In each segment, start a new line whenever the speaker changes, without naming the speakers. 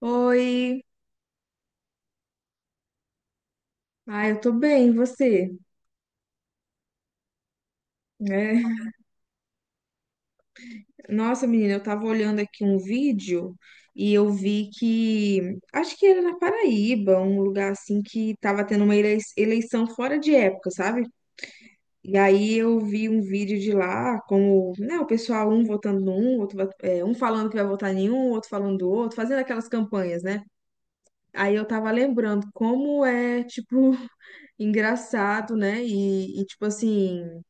Oi, eu tô bem, e você? É. Nossa, menina, eu tava olhando aqui um vídeo e eu vi que, acho que era na Paraíba, um lugar assim que tava tendo uma eleição fora de época, sabe? E aí eu vi um vídeo de lá, como, né, o pessoal um votando num, outro, um falando que vai votar em um, outro falando do outro, fazendo aquelas campanhas, né? Aí eu tava lembrando como é, tipo, engraçado, né? E tipo assim,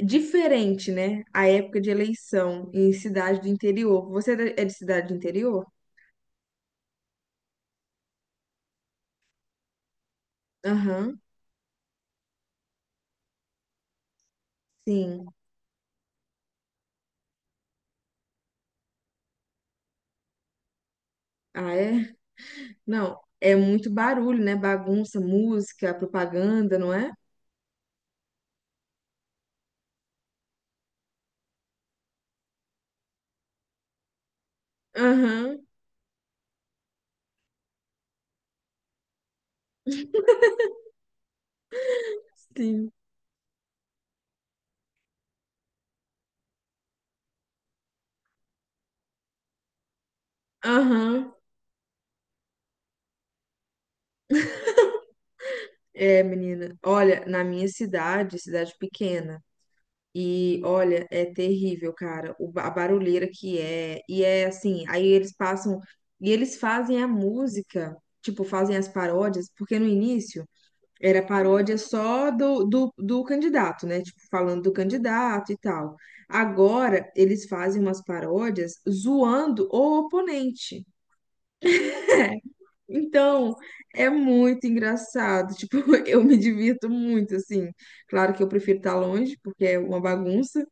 diferente, né? A época de eleição em cidade do interior. Você é de cidade do interior? Aham, sim. Ah, é? Não, é muito barulho, né? Bagunça, música, propaganda, não é? Aham, sim. Aham. É, menina. Olha, na minha cidade, cidade pequena, e olha, é terrível, cara, a barulheira que é. E é assim, aí eles passam, e eles fazem a música, tipo, fazem as paródias, porque no início. Era paródia só do candidato, né? Tipo, falando do candidato e tal. Agora, eles fazem umas paródias zoando o oponente. Então, é muito engraçado. Tipo, eu me divirto muito, assim. Claro que eu prefiro estar longe, porque é uma bagunça,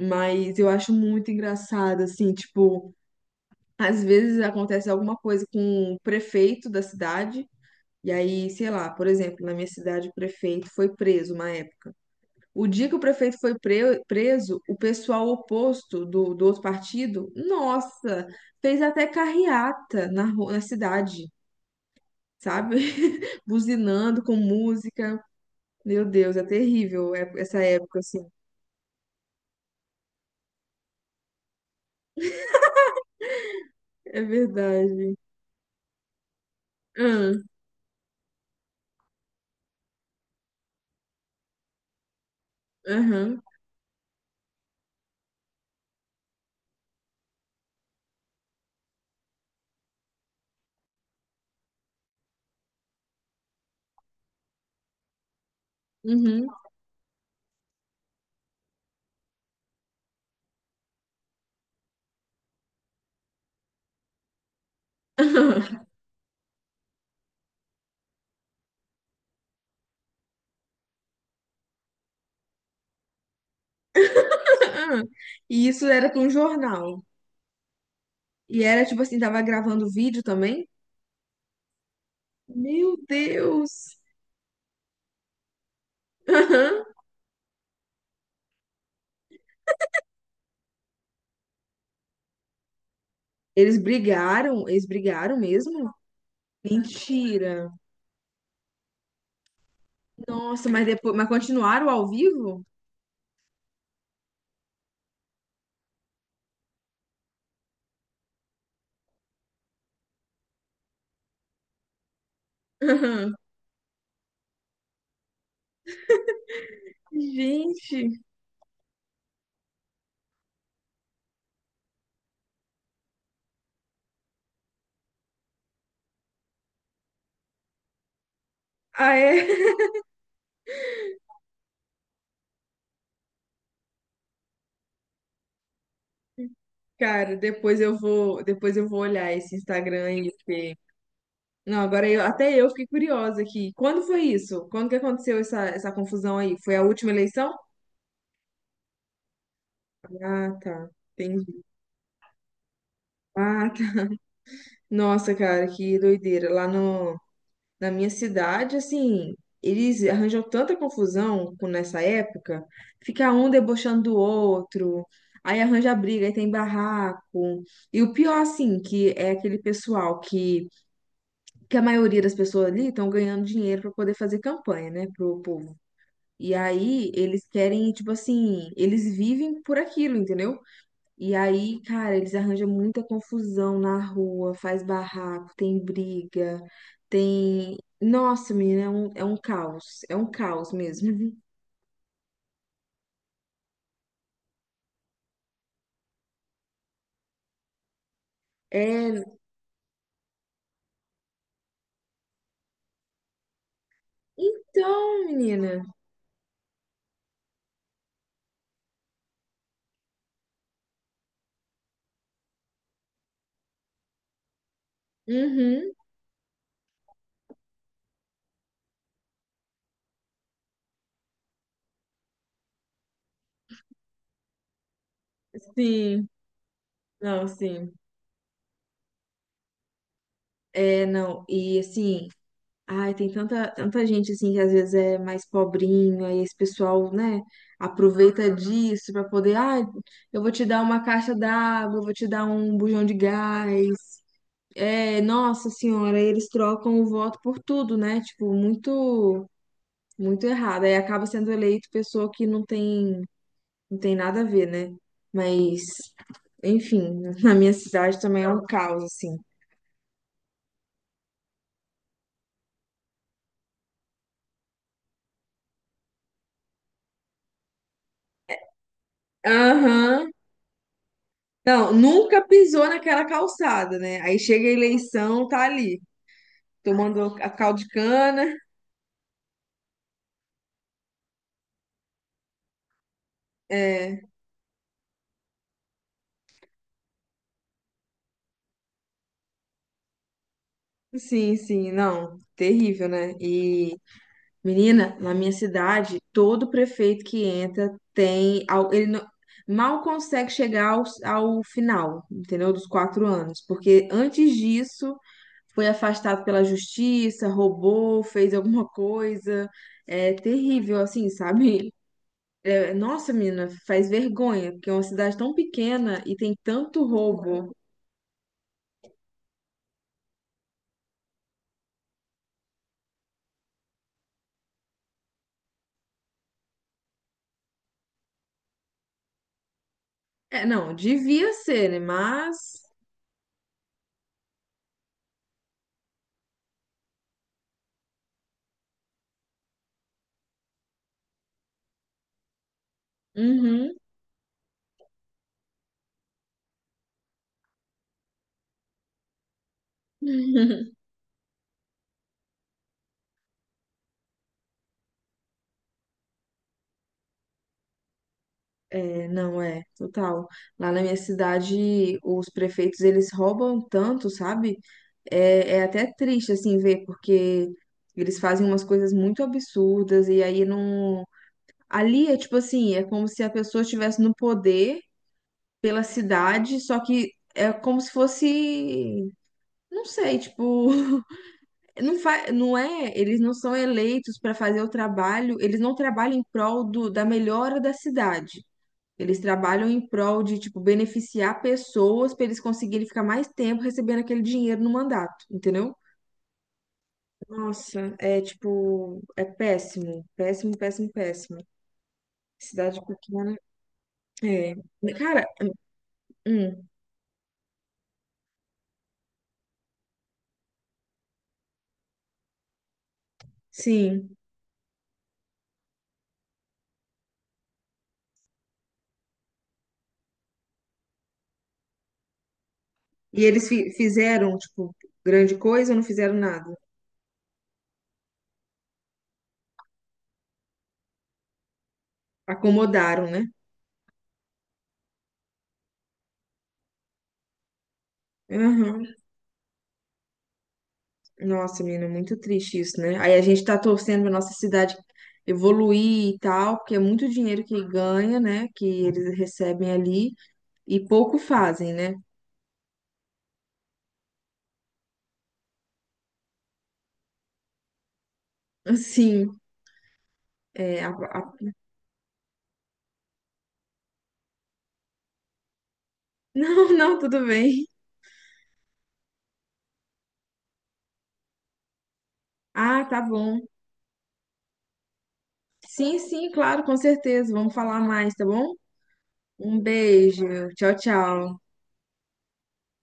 mas eu acho muito engraçado, assim. Tipo, às vezes acontece alguma coisa com o prefeito da cidade, e aí, sei lá, por exemplo, na minha cidade, o prefeito foi preso uma época. O dia que o prefeito foi preso, o pessoal oposto do outro partido, nossa, fez até carreata na cidade, sabe? Buzinando com música. Meu Deus, é terrível essa época, assim. É verdade. Aham, aham, uhum. Aham. E isso era com um jornal. E era tipo assim, tava gravando vídeo também. Meu Deus! Aham. Eles brigaram mesmo? Mentira. Nossa, mas depois, mas continuaram ao vivo? Aham. Gente, ah é, cara, depois eu vou olhar esse Instagram aí, porque... Não, agora eu, até eu fiquei curiosa aqui. Quando foi isso? Quando que aconteceu essa confusão aí? Foi a última eleição? Ah, tá. Entendi. Ah, tá. Nossa, cara, que doideira. Lá no Na minha cidade, assim, eles arranjam tanta confusão nessa época, fica um debochando do outro, aí arranja briga, aí tem barraco. E o pior, assim, que é aquele pessoal que a maioria das pessoas ali estão ganhando dinheiro para poder fazer campanha, né, pro povo. E aí eles querem, tipo assim, eles vivem por aquilo, entendeu? E aí, cara, eles arranjam muita confusão na rua, faz barraco, tem briga, tem. Nossa, menina, é um caos. É um caos mesmo. É. Então, menina. Uhum. Sim. Não, sim. É, não. E assim. Ai, tem tanta, tanta gente assim que às vezes é mais pobrinho aí esse pessoal, né, aproveita disso pra poder, ai, eu vou te dar uma caixa d'água, eu vou te dar um bujão de gás. É, nossa senhora, eles trocam o voto por tudo, né? Tipo, muito, muito errado. Aí acaba sendo eleito pessoa que não tem nada a ver, né? Mas, enfim, na minha cidade também é um caos, assim. Aham. Não, nunca pisou naquela calçada, né? Aí chega a eleição, tá ali, tomando a caldo de cana. É, sim, sim, não, terrível, né? E menina, na minha cidade, todo prefeito que entra tem. Al- Ele não- mal consegue chegar ao final, entendeu? Dos 4 anos. Porque antes disso, foi afastado pela justiça, roubou, fez alguma coisa. É terrível, assim, sabe? É, nossa, menina, faz vergonha, porque é uma cidade tão pequena e tem tanto roubo. É, não, devia ser, né? Mas. Uhum. É, não, é, total. Lá na minha cidade, os prefeitos, eles roubam tanto, sabe? É até triste, assim, ver, porque eles fazem umas coisas muito absurdas e aí não... Ali é tipo assim, é como se a pessoa estivesse no poder pela cidade, só que é como se fosse... Não sei, tipo... Não, não é... Eles não são eleitos para fazer o trabalho, eles não trabalham em prol do... da melhora da cidade. Eles trabalham em prol de, tipo, beneficiar pessoas para eles conseguirem ficar mais tempo recebendo aquele dinheiro no mandato, entendeu? Nossa, é tipo, é péssimo, péssimo, péssimo, péssimo. Cidade pequena, é. Cara, hum, sim. E eles fizeram, tipo, grande coisa ou não fizeram nada? Acomodaram, né? Aham. Nossa, menina, muito triste isso, né? Aí a gente tá torcendo pra nossa cidade evoluir e tal, porque é muito dinheiro que ganha, né? Que eles recebem ali. E pouco fazem, né? Assim, é, não, não, tudo bem. Ah, tá bom. Sim, sim, claro, com certeza. Vamos falar mais, tá bom? Um beijo. Tchau, tchau.